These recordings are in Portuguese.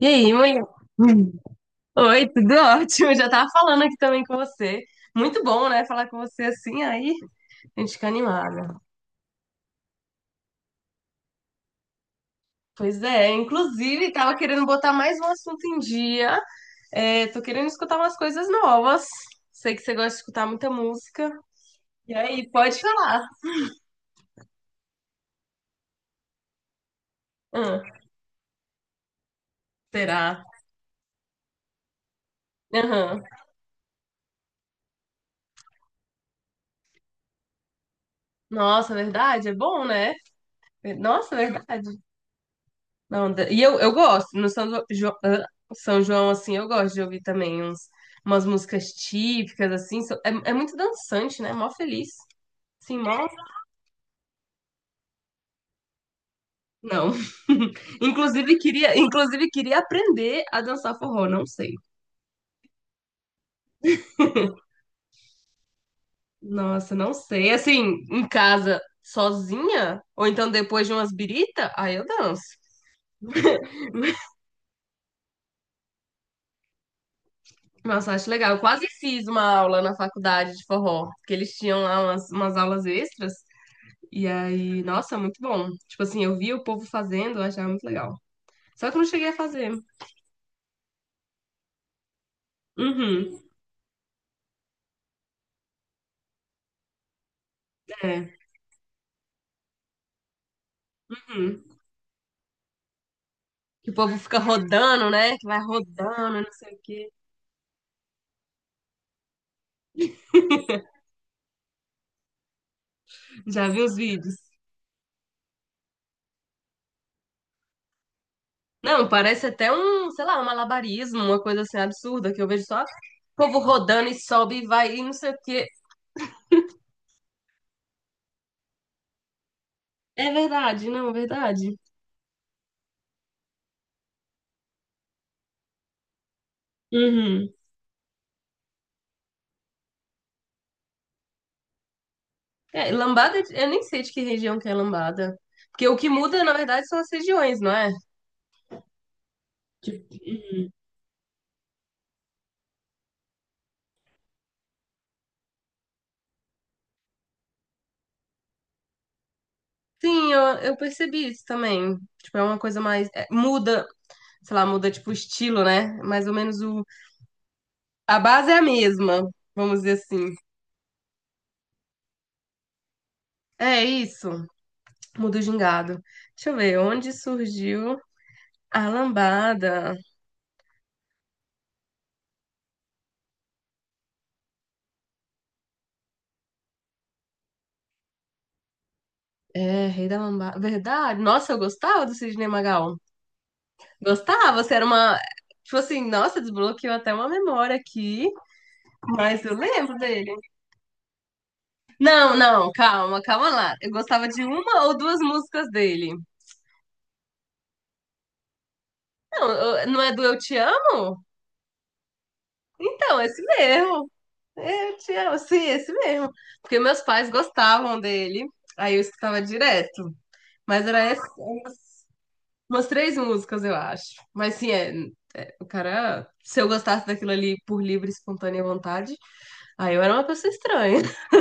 E aí, mãe? Oi, tudo ótimo. Já tava falando aqui também com você. Muito bom, né? Falar com você assim, aí a gente fica animada. Pois é, inclusive tava querendo botar mais um assunto em dia. É, tô querendo escutar umas coisas novas. Sei que você gosta de escutar muita música. E aí, pode falar. Hum. Será? Aham. Nossa, verdade? É bom, né? Nossa, é verdade. Não, e eu gosto, no São João, São João, assim, eu gosto de ouvir também umas músicas típicas, assim, é, é muito dançante, né? Mó feliz, sim, mó... Não. Inclusive queria aprender a dançar forró, não sei. Nossa, não sei. Assim, em casa, sozinha, ou então depois de umas birita, aí eu danço. Nossa, acho legal. Eu quase fiz uma aula na faculdade de forró, porque eles tinham lá umas aulas extras. E aí, nossa, muito bom. Tipo assim, eu via o povo fazendo, eu achava muito legal. Só que eu não cheguei a fazer. Uhum, é. Uhum. Que o povo fica rodando, né? Que vai rodando, não sei o quê. Já vi os vídeos. Não, parece até um, sei lá, um malabarismo, uma coisa assim absurda, que eu vejo só o povo rodando e sobe e vai e não sei o quê. É verdade, não, é verdade. Uhum. É, lambada, eu nem sei de que região que é lambada. Porque o que muda, na verdade, são as regiões, não é? Tipo, sim, eu percebi isso também. Tipo, é uma coisa mais. É, muda, sei lá, muda tipo o estilo, né? Mais ou menos o. A base é a mesma, vamos dizer assim. É isso. Muda o gingado. Deixa eu ver, onde surgiu a lambada? É, Rei da Lambada. Verdade. Nossa, eu gostava do Sidney Magal. Gostava, você era uma. Tipo assim, nossa, desbloqueou até uma memória aqui, mas eu lembro dele. Não, não, calma, calma lá. Eu gostava de uma ou duas músicas dele. Não, não é do eu te amo? Então, é esse mesmo. É, eu te amo, sim, é esse mesmo. Porque meus pais gostavam dele, aí eu escutava direto. Mas era umas, umas três músicas, eu acho. Mas sim, é, o cara, se eu gostasse daquilo ali por livre e espontânea vontade, aí eu era uma pessoa estranha.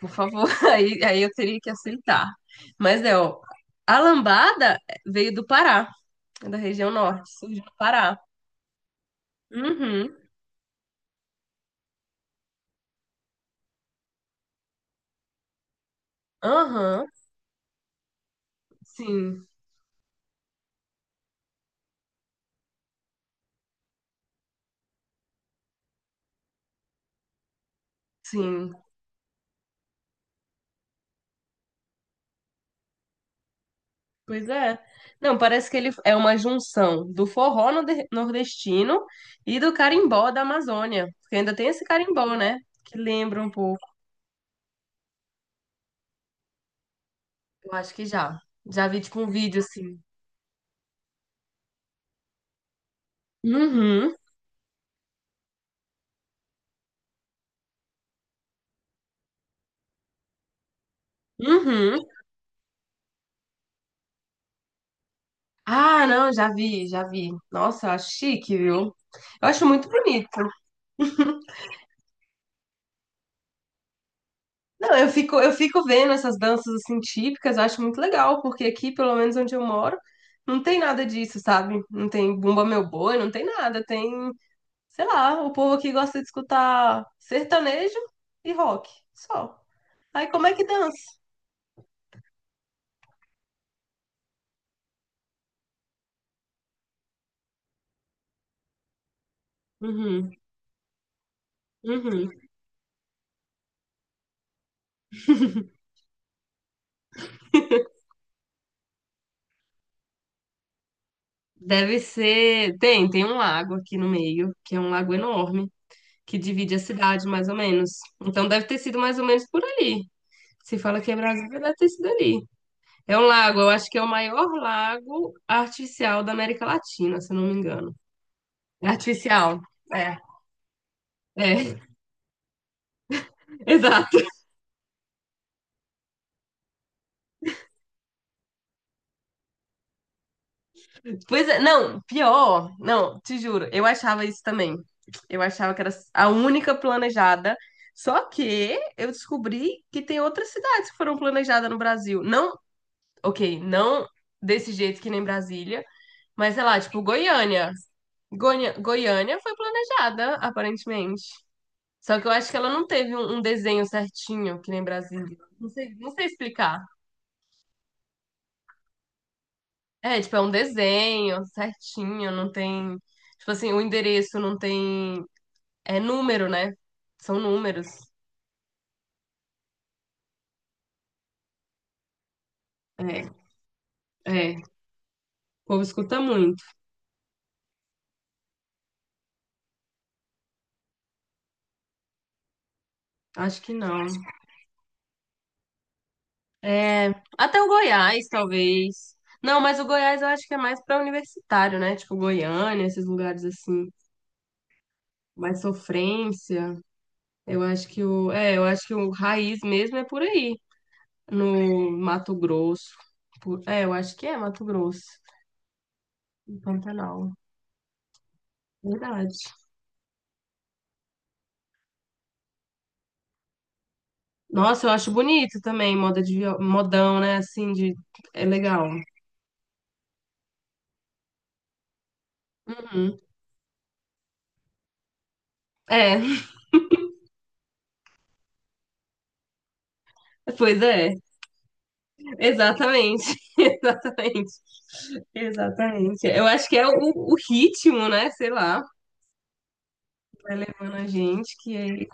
Por favor, aí eu teria que aceitar. Mas é, ó, a lambada veio do Pará, é da região norte, surgiu do Pará. Uhum, aham, sim, sim. Pois é. Não, parece que ele é uma junção do nordestino e do carimbó da Amazônia. Porque ainda tem esse carimbó, né? Que lembra um pouco. Eu acho que já. Já vi, tipo, um vídeo assim. Uhum, uhum. Ah, não, já vi, já vi. Nossa, eu acho chique, viu? Eu acho muito bonito. Não, eu fico vendo essas danças, assim, típicas, eu acho muito legal, porque aqui, pelo menos onde eu moro, não tem nada disso, sabe? Não tem Bumba Meu Boi, não tem nada, tem sei lá, o povo aqui gosta de escutar sertanejo e rock, só. Aí como é que dança? Uhum, uhum. Deve ser. Tem, tem um lago aqui no meio, que é um lago enorme, que divide a cidade, mais ou menos. Então deve ter sido mais ou menos por ali. Se fala que é Brasília, deve ter sido ali. É um lago, eu acho que é o maior lago artificial da América Latina, se eu não me engano. É artificial. É, é, exato. Pois é, não, pior, não, te juro, eu achava isso também. Eu achava que era a única planejada. Só que eu descobri que tem outras cidades que foram planejadas no Brasil. Não, ok, não desse jeito que nem Brasília, mas sei lá, tipo Goiânia. Goiânia, Goiânia foi planejada, aparentemente. Só que eu acho que ela não teve um desenho certinho, que nem Brasília. Não sei, não sei explicar. É, tipo, é um desenho certinho, não tem. Tipo assim, o endereço não tem é número, né? São números. É, é. O povo escuta muito. Acho que não. É, até o Goiás, talvez. Não, mas o Goiás eu acho que é mais pra universitário, né? Tipo Goiânia, esses lugares assim, mais sofrência. Eu acho que o, é, eu acho que o raiz mesmo é por aí, no Mato Grosso. É, eu acho que é Mato Grosso, em Pantanal. Verdade. Nossa, eu acho bonito também, moda de, modão, né? Assim, de, é legal. Uhum. É, pois é, exatamente, exatamente, exatamente. Eu acho que é o ritmo, né? Sei lá, vai levando a gente que aí.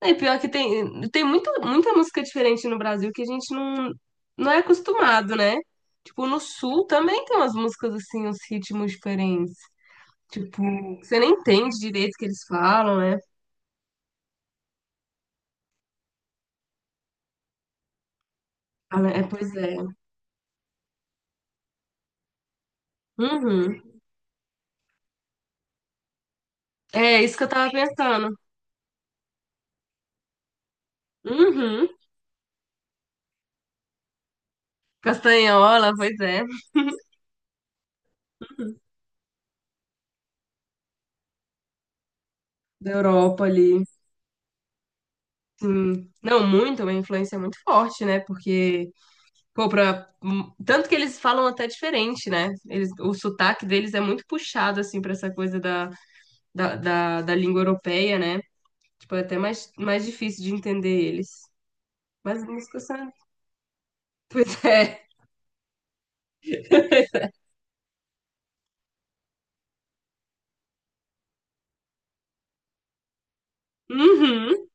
É pior que tem, tem muito, muita música diferente no Brasil que a gente não é acostumado, né? Tipo, no Sul também tem umas músicas assim, uns ritmos diferentes. Tipo, você nem entende direito o que eles falam, né? É, pois é. Uhum. É isso que eu tava pensando. Uhum. Castanhola, pois é. Da Europa ali. Sim. Não, muito, uma influência muito forte, né? Porque, pô, pra... tanto que eles falam até diferente, né? Eles... O sotaque deles é muito puxado, assim, pra essa coisa da língua europeia, né? Tipo, é até mais, mais difícil de entender eles. Mas a música sabe. Pois é. Uhum.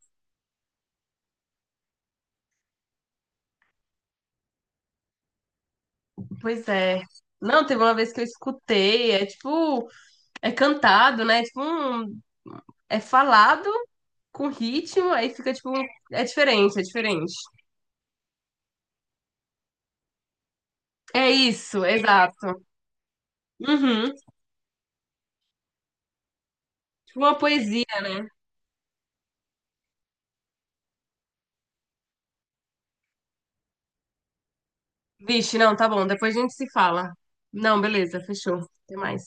Pois é. Não, teve uma vez que eu escutei, é tipo, é cantado, né? Tipo, um... é falado com ritmo, aí fica tipo, um- é diferente, é diferente. É isso, exato. Uhum. Tipo uma poesia, né? Vixe, não, tá bom, depois a gente se fala. Não, beleza, fechou. Até mais.